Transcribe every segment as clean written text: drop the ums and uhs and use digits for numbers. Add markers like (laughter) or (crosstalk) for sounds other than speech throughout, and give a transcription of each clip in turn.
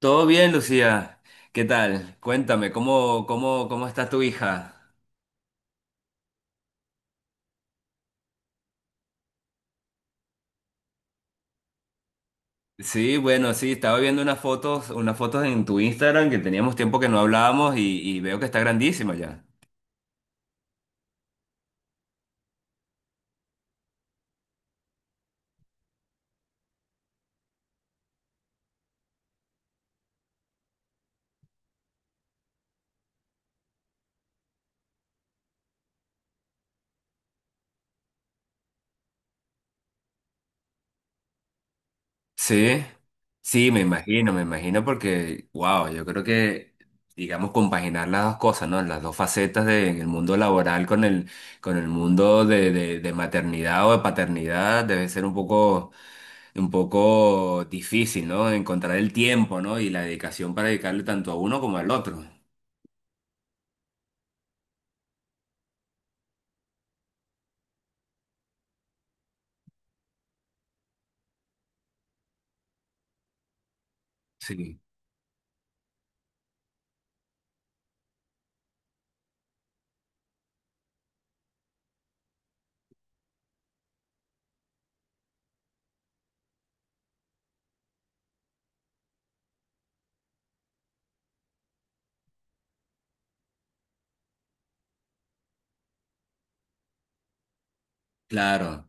Todo bien, Lucía. ¿Qué tal? Cuéntame, ¿cómo está tu hija? Sí, bueno, sí, estaba viendo unas fotos en tu Instagram que teníamos tiempo que no hablábamos y veo que está grandísima ya. Sí, sí, me imagino porque, wow, yo creo que, digamos, compaginar las dos cosas, ¿no? Las dos facetas de, en el mundo laboral con el mundo de maternidad o de paternidad debe ser un poco difícil, ¿no? Encontrar el tiempo, ¿no? Y la dedicación para dedicarle tanto a uno como al otro. Sí. Claro,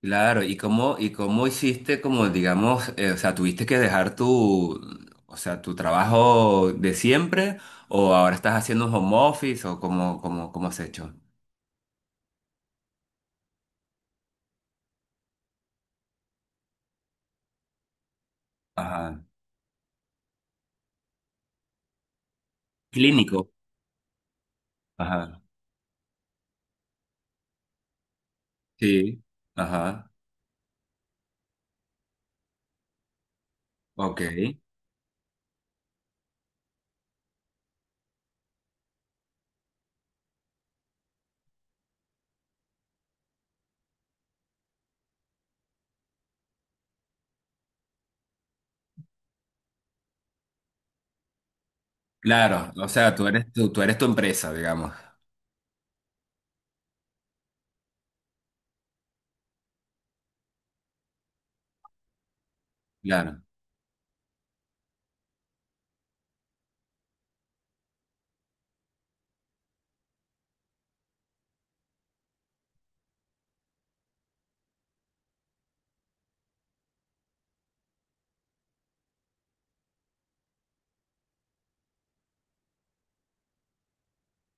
claro. ¿Y cómo hiciste, como digamos, o sea, tuviste que dejar tu, o sea, tu trabajo de siempre o ahora estás haciendo un home office o cómo has hecho? Ajá. Clínico. Ajá. Sí. Ajá. Ok. Claro. O sea, tú eres, tú eres tu empresa, digamos. Claro.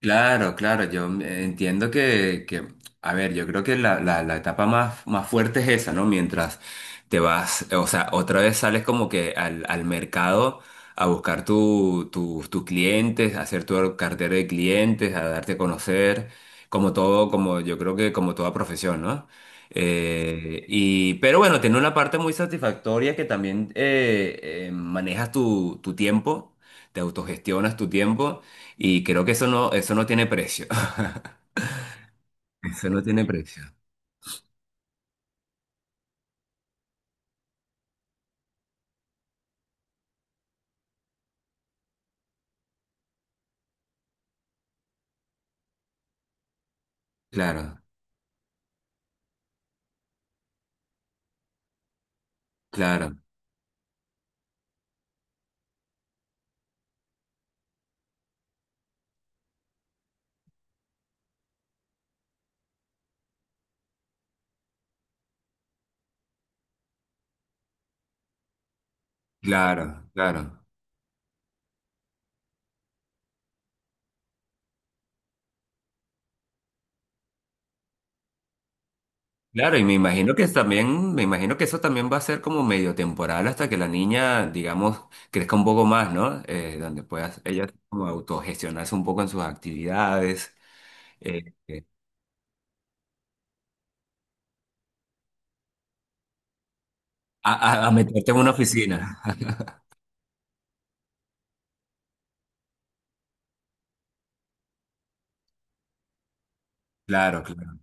Claro, claro, yo entiendo que, a ver, yo creo que la, la etapa más, más fuerte es esa, ¿no? Mientras te vas, o sea, otra vez sales como que al, al mercado a buscar tu, tus clientes, a hacer tu cartera de clientes, a darte a conocer, como todo, como yo creo que como toda profesión, ¿no? Pero bueno, tiene una parte muy satisfactoria que también manejas tu, tu tiempo, te autogestionas tu tiempo. Y creo que eso no tiene precio. (laughs) Eso no tiene precio. Claro, claro, claro, claro. Claro, y me imagino que también, me imagino que eso también va a ser como medio temporal hasta que la niña, digamos, crezca un poco más, ¿no? Donde pueda ella como autogestionarse un poco en sus actividades, eh, eh, a, a meterte en una oficina. (laughs) Claro, claro,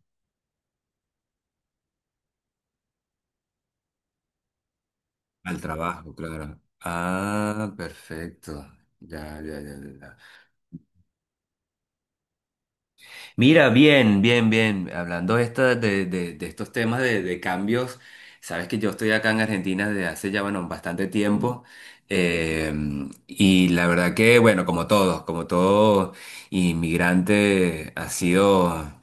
al trabajo, claro. Ah, perfecto. Ya, ya, ya, ya. Ya. Mira, bien, bien, bien. Hablando esta de, de estos temas de cambios, sabes que yo estoy acá en Argentina desde hace ya, bueno, bastante tiempo. eh, y la verdad que, bueno, como todos, como todo inmigrante,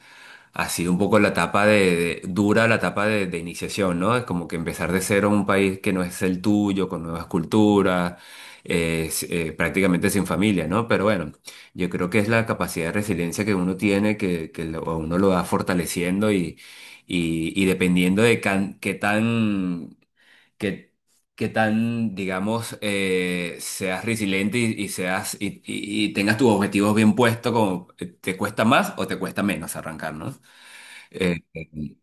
ha sido un poco la etapa de, dura, la etapa de iniciación, ¿no? Es como que empezar de cero en un país que no es el tuyo, con nuevas culturas, prácticamente sin familia, ¿no? Pero bueno, yo creo que es la capacidad de resiliencia que uno tiene, que uno lo va fortaleciendo y dependiendo qué tan... qué- qué tan, digamos, seas resiliente y tengas tus objetivos bien puestos, como te cuesta más o te cuesta menos arrancar, ¿no? Eh, eh,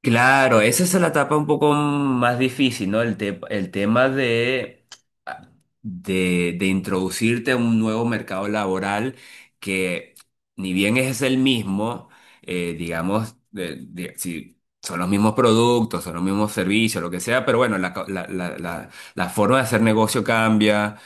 claro, esa es la etapa un poco más difícil, ¿no? El, el tema de, ah, de introducirte a un nuevo mercado laboral que, ni bien es el mismo, digamos, si son los mismos productos, son los mismos servicios, lo que sea, pero bueno, la, la, la forma de hacer negocio cambia.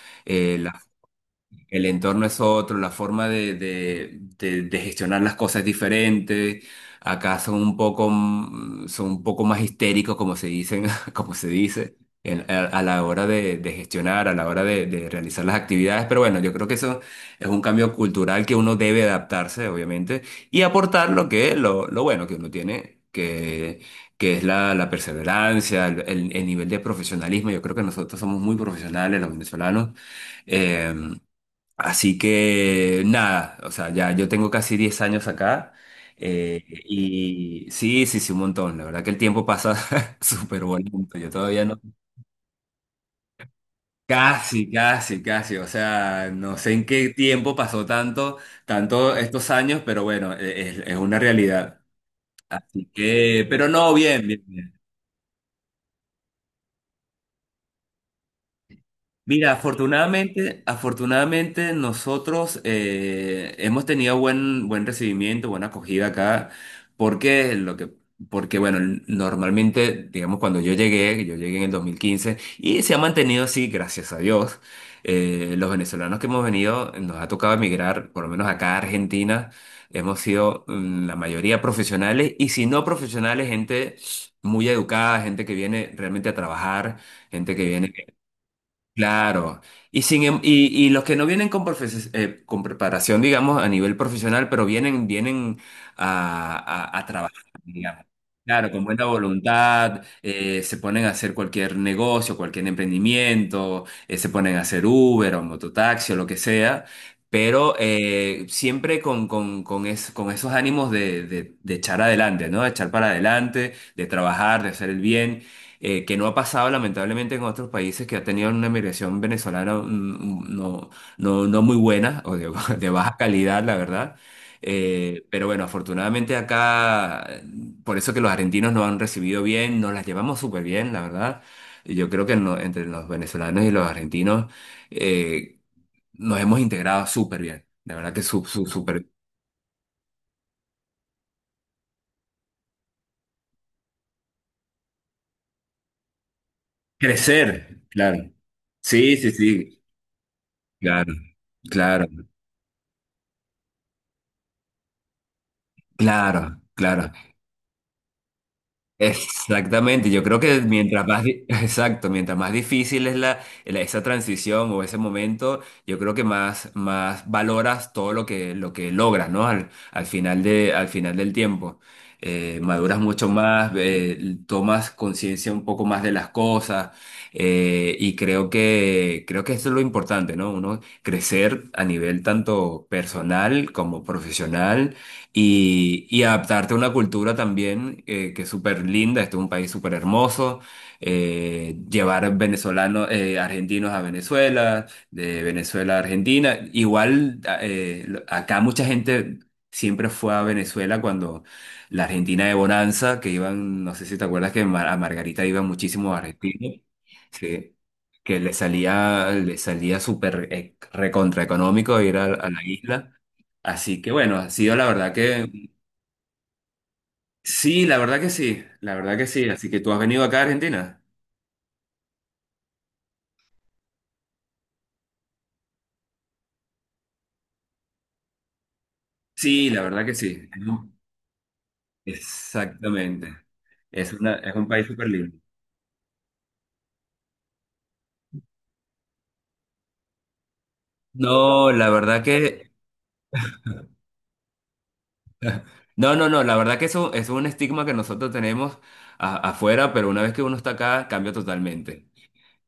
El entorno es otro, la forma de, de gestionar las cosas es diferente. Acá son un poco, son un poco más histéricos, como se dicen, (laughs) como se dice, a la hora de gestionar, a la hora de realizar las actividades. Pero bueno, yo creo que eso es un cambio cultural que uno debe adaptarse, obviamente, y aportar lo que, lo bueno que uno tiene, que es la, la perseverancia, el nivel de profesionalismo. Yo creo que nosotros somos muy profesionales, los venezolanos. Em, Así que nada, o sea, ya yo tengo casi 10 años acá y sí, sí, sí, un montón. La verdad que el tiempo pasa (laughs) súper bonito. Yo todavía no. Casi, casi, casi. O sea, no sé en qué tiempo pasó tanto, tanto estos años, pero bueno, es una realidad. Así que, pero no, bien, bien. Mira, afortunadamente, afortunadamente nosotros hemos tenido buen, buen recibimiento, buena acogida acá, porque lo que, porque bueno, normalmente, digamos, cuando yo llegué en el 2015, y se ha mantenido así, gracias a Dios. Los venezolanos que hemos venido, nos ha tocado emigrar, por lo menos acá a Argentina, hemos sido la mayoría profesionales y si no profesionales, gente muy educada, gente que viene realmente a trabajar, gente que viene. Claro, y, sin, em- y los que no vienen con, con preparación, digamos, a nivel profesional, pero vienen, vienen a, a trabajar, digamos. Claro, con buena voluntad, se ponen a hacer cualquier negocio, cualquier emprendimiento, se ponen a hacer Uber o mototaxi o lo que sea, pero siempre con, con esos ánimos de, de echar adelante, ¿no? De echar para adelante, de trabajar, de hacer el bien. Que no ha pasado lamentablemente en otros países que ha tenido una migración venezolana, no, no, no muy buena o de, (laughs) de baja calidad, la verdad. Pero bueno, afortunadamente acá, por eso que los argentinos nos han recibido bien, nos las llevamos súper bien, la verdad. Y yo creo que entre los venezolanos y los argentinos eh, nos hemos integrado súper bien. La verdad que su, súper... Crecer, claro. Sí, sí, sí, claro, claro. Claro, claro. Exactamente, yo creo que mientras más, (laughs) exacto, mientras más difícil es la, esa transición o ese momento, yo creo que más, más valoras todo lo que logras, ¿no? Al, al final de, al final del tiempo. Maduras mucho más, tomas conciencia un poco más de las cosas, y creo que eso es lo importante, ¿no? Uno crecer a nivel tanto personal como profesional y adaptarte a una cultura también que es súper linda, este es un país súper hermoso, llevar venezolanos, argentinos a Venezuela, de Venezuela a Argentina, igual acá mucha gente siempre fue a Venezuela cuando la Argentina de Bonanza, que iban, no sé si te acuerdas que a Margarita iban muchísimos argentinos, sí, que le salía súper recontra económico ir a la isla. Así que bueno, ha sido la verdad que sí, la verdad que sí, la verdad que sí. Así que tú has venido acá a Argentina. Sí, la verdad que sí. ¿No? Exactamente. Es una, es un país súper libre. No, la verdad que, no, no, no, la verdad que eso es un estigma que nosotros tenemos afuera, pero una vez que uno está acá, cambia totalmente.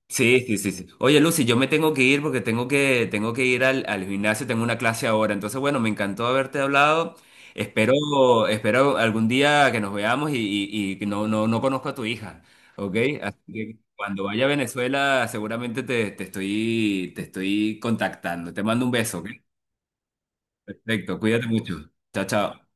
Sí, sí, sí, sí. Oye, Lucy, yo me tengo que ir porque tengo que ir al, al gimnasio, tengo una clase ahora. Entonces, bueno, me encantó haberte hablado. Espero, espero algún día que nos veamos y que no, no, no conozco a tu hija, ¿ok? Así que cuando vaya a Venezuela, seguramente te, te estoy contactando. Te mando un beso, ¿ok? Perfecto, cuídate mucho. Chao, chao.